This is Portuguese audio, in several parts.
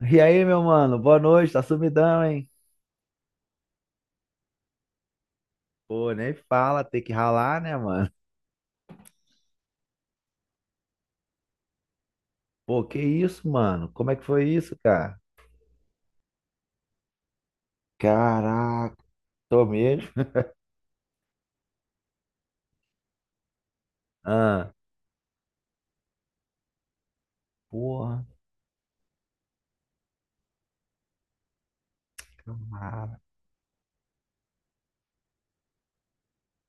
E aí, meu mano? Boa noite, tá sumidão, hein? Pô, nem fala, tem que ralar, né, mano? Pô, que isso, mano? Como é que foi isso, cara? Caraca, tô mesmo. Ah, porra, cara.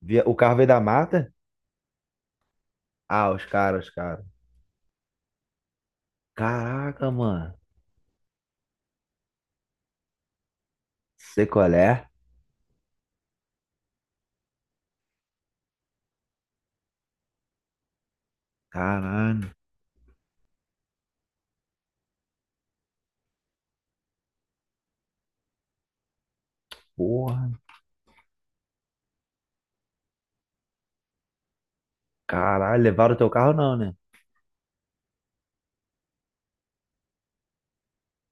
O carro veio da mata? Ah, os caras, os caras. Caraca, mano. Sei qual é? Caralho, porra. Caralho, levaram o teu carro não, né?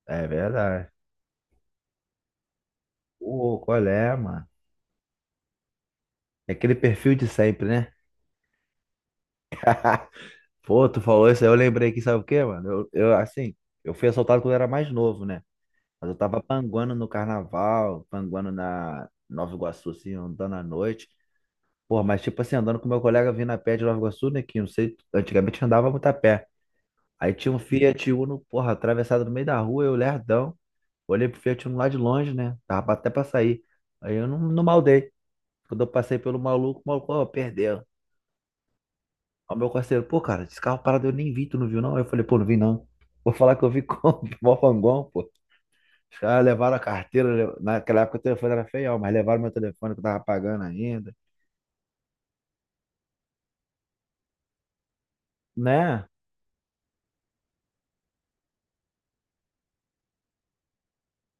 É verdade. Pô, qual é, mano? É aquele perfil de sempre, né? Pô, tu falou isso aí, eu lembrei que sabe o quê, mano? Eu, assim, eu fui assaltado quando eu era mais novo, né? Mas eu tava panguando no carnaval, panguando na Nova Iguaçu, assim, andando à noite. Porra, mas tipo assim, andando com meu colega vindo a pé de Nova Iguaçu, né? Que não sei, antigamente andava muito a pé. Aí tinha um Fiat Uno, porra, atravessado no meio da rua, eu lerdão. Olhei pro Fiat Uno lá de longe, né? Tava até pra sair. Aí eu não maldei. Quando eu passei pelo maluco, o maluco, ó, perdeu. Aí meu parceiro, pô, cara, esse carro parado eu nem vi, tu não viu não? Aí eu falei, pô, não vi não. Vou falar que eu vi com o Fangão, pô. Os caras levaram a carteira, naquela época o telefone era feião, mas levaram meu telefone que eu tava pagando ainda, né?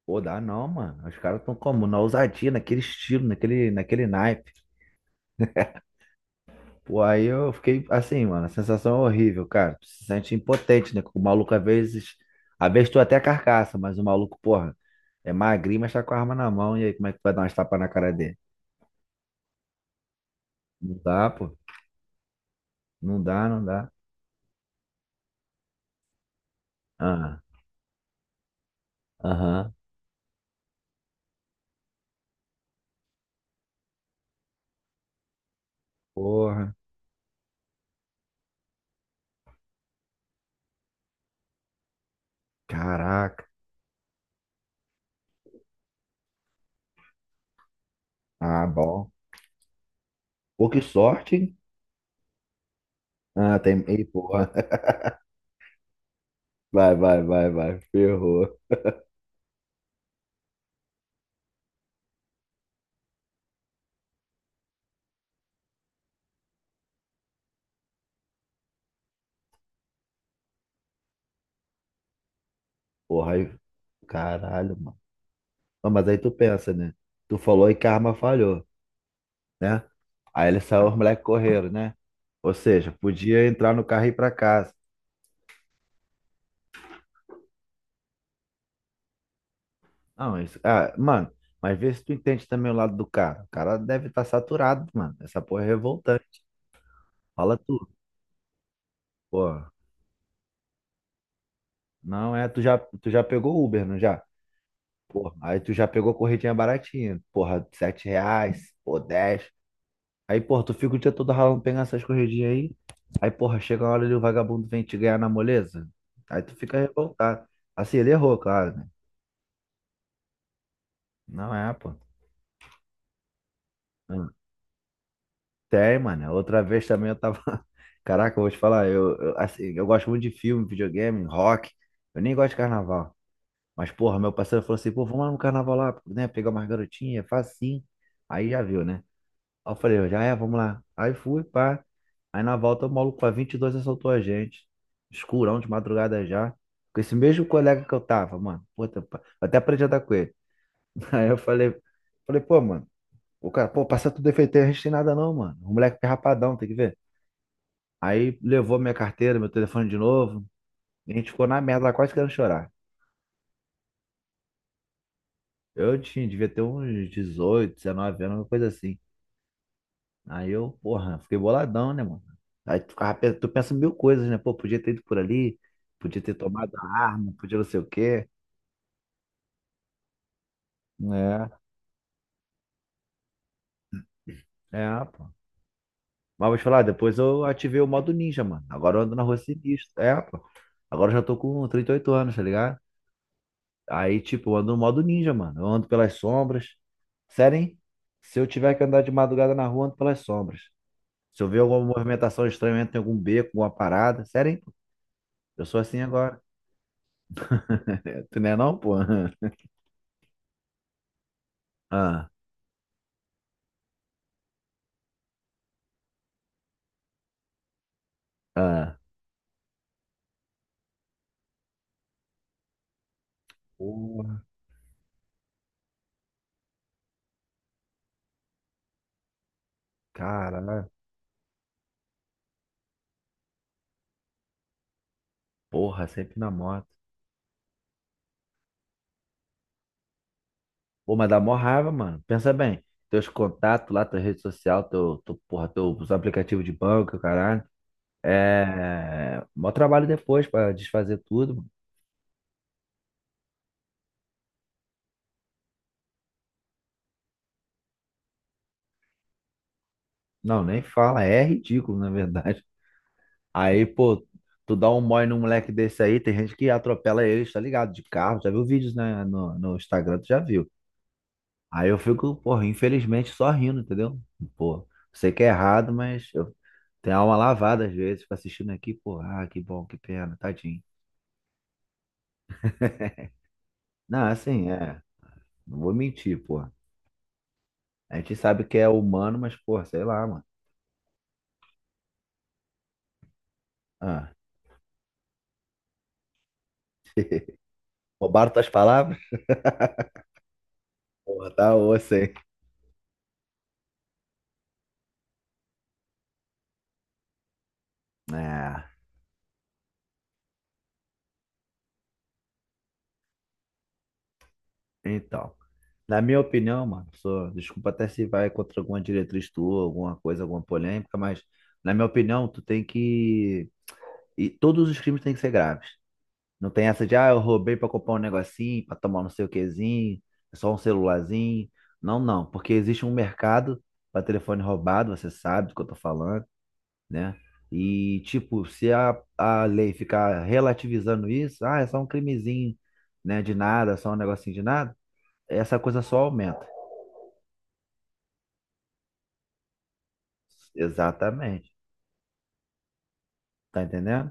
Pô, dá não, mano. Os caras tão como? Na ousadia, naquele estilo, naquele naipe. Pô, aí eu fiquei assim, mano, a sensação é horrível, cara. Tu se sente impotente, né? O maluco às vezes tu até carcaça, mas o maluco, porra, é magrinho, mas tá com a arma na mão. E aí, como é que tu vai dar umas tapas na cara dele? Não dá, pô. Não dá, não dá. Ah, aham. Porra. Caraca. Ah, bom. Pô, que sorte, hein? Ah, tem. Ei, porra. Vai, vai, vai, vai. Ferrou. Porra, aí. Caralho, mano. Ah, mas aí tu pensa, né? Tu falou e karma falhou, né? Aí ele saiu, os moleques correram, né? Ou seja, podia entrar no carro e ir pra casa. Não, isso. Ah, mano, mas vê se tu entende também o lado do cara. O cara deve estar saturado, mano. Essa porra é revoltante. Fala tu. Pô, não é. Tu já pegou Uber, não já? Pô, aí tu já pegou corridinha baratinha. Porra, R$ 7, pô, 10. Aí, porra, tu fica o dia todo ralando pegando essas corridinhas aí. Aí, porra, chega uma hora ali o vagabundo vem te ganhar na moleza. Aí tu fica revoltado. Assim, ele errou, claro, né? Não é, pô. Hum. Tem, mano. Outra vez também eu tava. Caraca, eu vou te falar, eu, assim, eu gosto muito de filme, videogame, rock. Eu nem gosto de carnaval. Mas, porra, meu parceiro falou assim, pô, vamos lá no carnaval lá, né? Pegar umas garotinhas, faz assim. Aí já viu, né? Aí eu falei, eu já é, vamos lá. Aí fui, pá. Aí na volta o maluco com a 22 assaltou a gente. Escurão de madrugada já. Com esse mesmo colega que eu tava, mano. Puta, pá. Eu até aprendi a andar com ele. Aí eu falei, pô, mano. O cara, pô, passa tudo defeito aí, a gente tem nada não, mano. O moleque é rapadão, tem que ver. Aí levou minha carteira, meu telefone de novo. E a gente ficou na merda lá, quase querendo chorar. Eu tinha, devia ter uns 18 19 anos, uma coisa assim. Aí eu, porra, fiquei boladão, né, mano? Aí tu pensa mil coisas, né? Pô, podia ter ido por ali, podia ter tomado a arma, podia não sei o quê. É, é, pô. Mas vou te falar, depois eu ativei o modo ninja, mano. Agora eu ando na rua sinistro. É, pô. Agora eu já tô com 38 anos, tá ligado? Aí, tipo, eu ando no modo ninja, mano. Eu ando pelas sombras. Sério, hein? Se eu tiver que andar de madrugada na rua, eu ando pelas sombras. Se eu ver alguma movimentação estranha, eu entro em algum beco, alguma parada. Sério, hein? Eu sou assim agora. Tu não é não, pô? Ah. Ah, porra, caralho. Porra, sempre na moto. Pô, mas dá mó raiva, mano. Pensa bem. Teus contatos lá, tua rede social, teu, porra, teus aplicativos de banco, caralho. É. Mó trabalho depois pra desfazer tudo. Não, nem fala. É ridículo, na verdade. Aí, pô, tu dá um mói num moleque desse aí, tem gente que atropela eles, tá ligado? De carro. Já viu vídeos, né, no Instagram, tu já viu. Aí eu fico, porra, infelizmente só rindo, entendeu? Pô, sei que é errado, mas eu tenho a alma lavada às vezes, fico assistindo aqui, pô, ah, que bom, que pena, tadinho. Não, assim, é, não vou mentir, pô. A gente sabe que é humano, mas, pô, sei lá, mano. Ah, roubaram tuas palavras? Pô, tá osso, hein? É, então. Na minha opinião, mano, sou, desculpa até se vai contra alguma diretriz tua, alguma coisa, alguma polêmica, mas na minha opinião, tu tem que. E todos os crimes têm que ser graves. Não tem essa de, ah, eu roubei pra comprar um negocinho, pra tomar não sei o quezinho, é só um celularzinho. Não, não, porque existe um mercado pra telefone roubado, você sabe do que eu tô falando, né? E, tipo, se a, a lei ficar relativizando isso, ah, é só um crimezinho, né, de nada, é só um negocinho de nada, essa coisa só aumenta. Exatamente. Tá entendendo?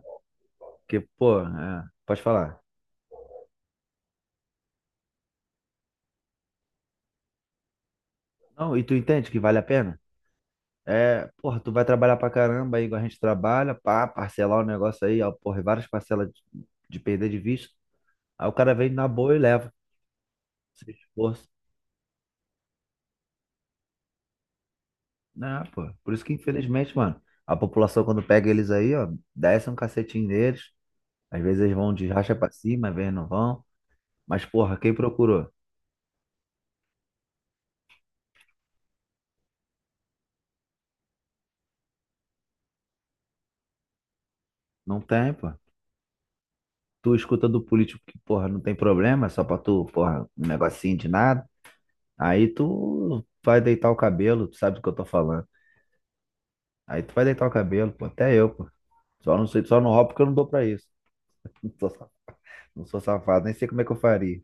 Porque, pô, é, pode falar. Não, e tu entende que vale a pena? É, porra, tu vai trabalhar pra caramba aí, igual a gente trabalha, pá, parcelar o negócio aí, ó, porra, e várias parcelas de perder de vista. Aí o cara vem na boa e leva, sem esforço. Né, pô. Por isso que, infelizmente, mano, a população, quando pega eles aí, ó, desce um cacetinho neles. Às vezes eles vão de racha pra cima, às vezes não vão. Mas, porra, quem procurou? Não tem, pô. Tu escuta do político que, porra, não tem problema, é só pra tu, porra, um negocinho de nada. Aí tu vai deitar o cabelo, tu sabe do que eu tô falando. Aí tu vai deitar o cabelo, pô. Até eu, pô. Só não sei, só não roubo porque eu não dou pra isso. Não sou, sa- não sou safado, nem sei como é que eu faria.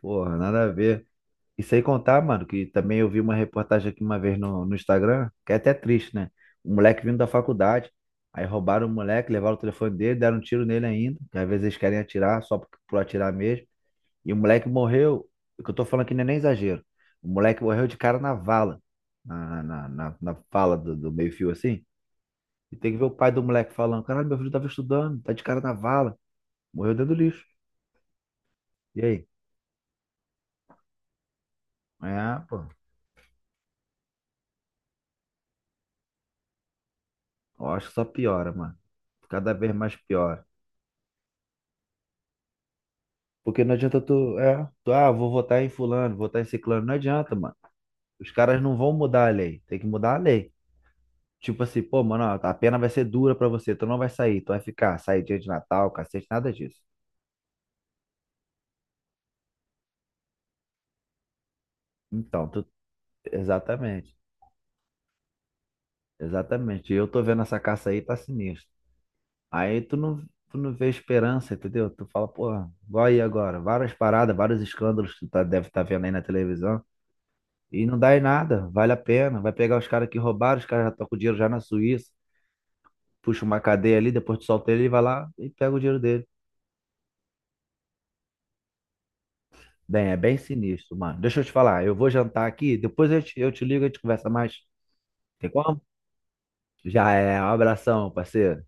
Porra, nada a ver. E sem contar, mano, que também eu vi uma reportagem aqui uma vez no Instagram, que é até triste, né? Um moleque vindo da faculdade. Aí roubaram o moleque, levaram o telefone dele, deram um tiro nele ainda. Que às vezes eles querem atirar, só por atirar mesmo. E o moleque morreu. O que eu tô falando aqui não é nem exagero. O moleque morreu de cara na vala. Na vala do meio-fio assim. E tem que ver o pai do moleque falando: Caralho, meu filho tava estudando, tá de cara na vala, morreu dentro do lixo. E aí? É, pô, eu acho que só piora, mano. Cada vez mais piora. Porque não adianta tu, vou votar em fulano, votar em ciclano. Não adianta, mano. Os caras não vão mudar a lei, tem que mudar a lei. Tipo assim, pô, mano, ó, a pena vai ser dura pra você, tu não vai sair, tu vai ficar, sair dia de Natal, cacete, nada disso. Então, tu, exatamente, exatamente. E eu tô vendo essa caça aí, tá sinistro. Aí tu não vê esperança, entendeu? Tu fala, porra, igual aí agora, várias paradas, vários escândalos que tu tá, deve estar vendo aí na televisão, e não dá em nada, vale a pena. Vai pegar os caras que roubaram, os caras já estão com o dinheiro já na Suíça, puxa uma cadeia ali, depois tu solta ele e vai lá e pega o dinheiro dele. Bem, é bem sinistro, mano. Deixa eu te falar, eu vou jantar aqui, depois eu te ligo e a gente conversa mais. Tem como? Já é, um abração, parceiro.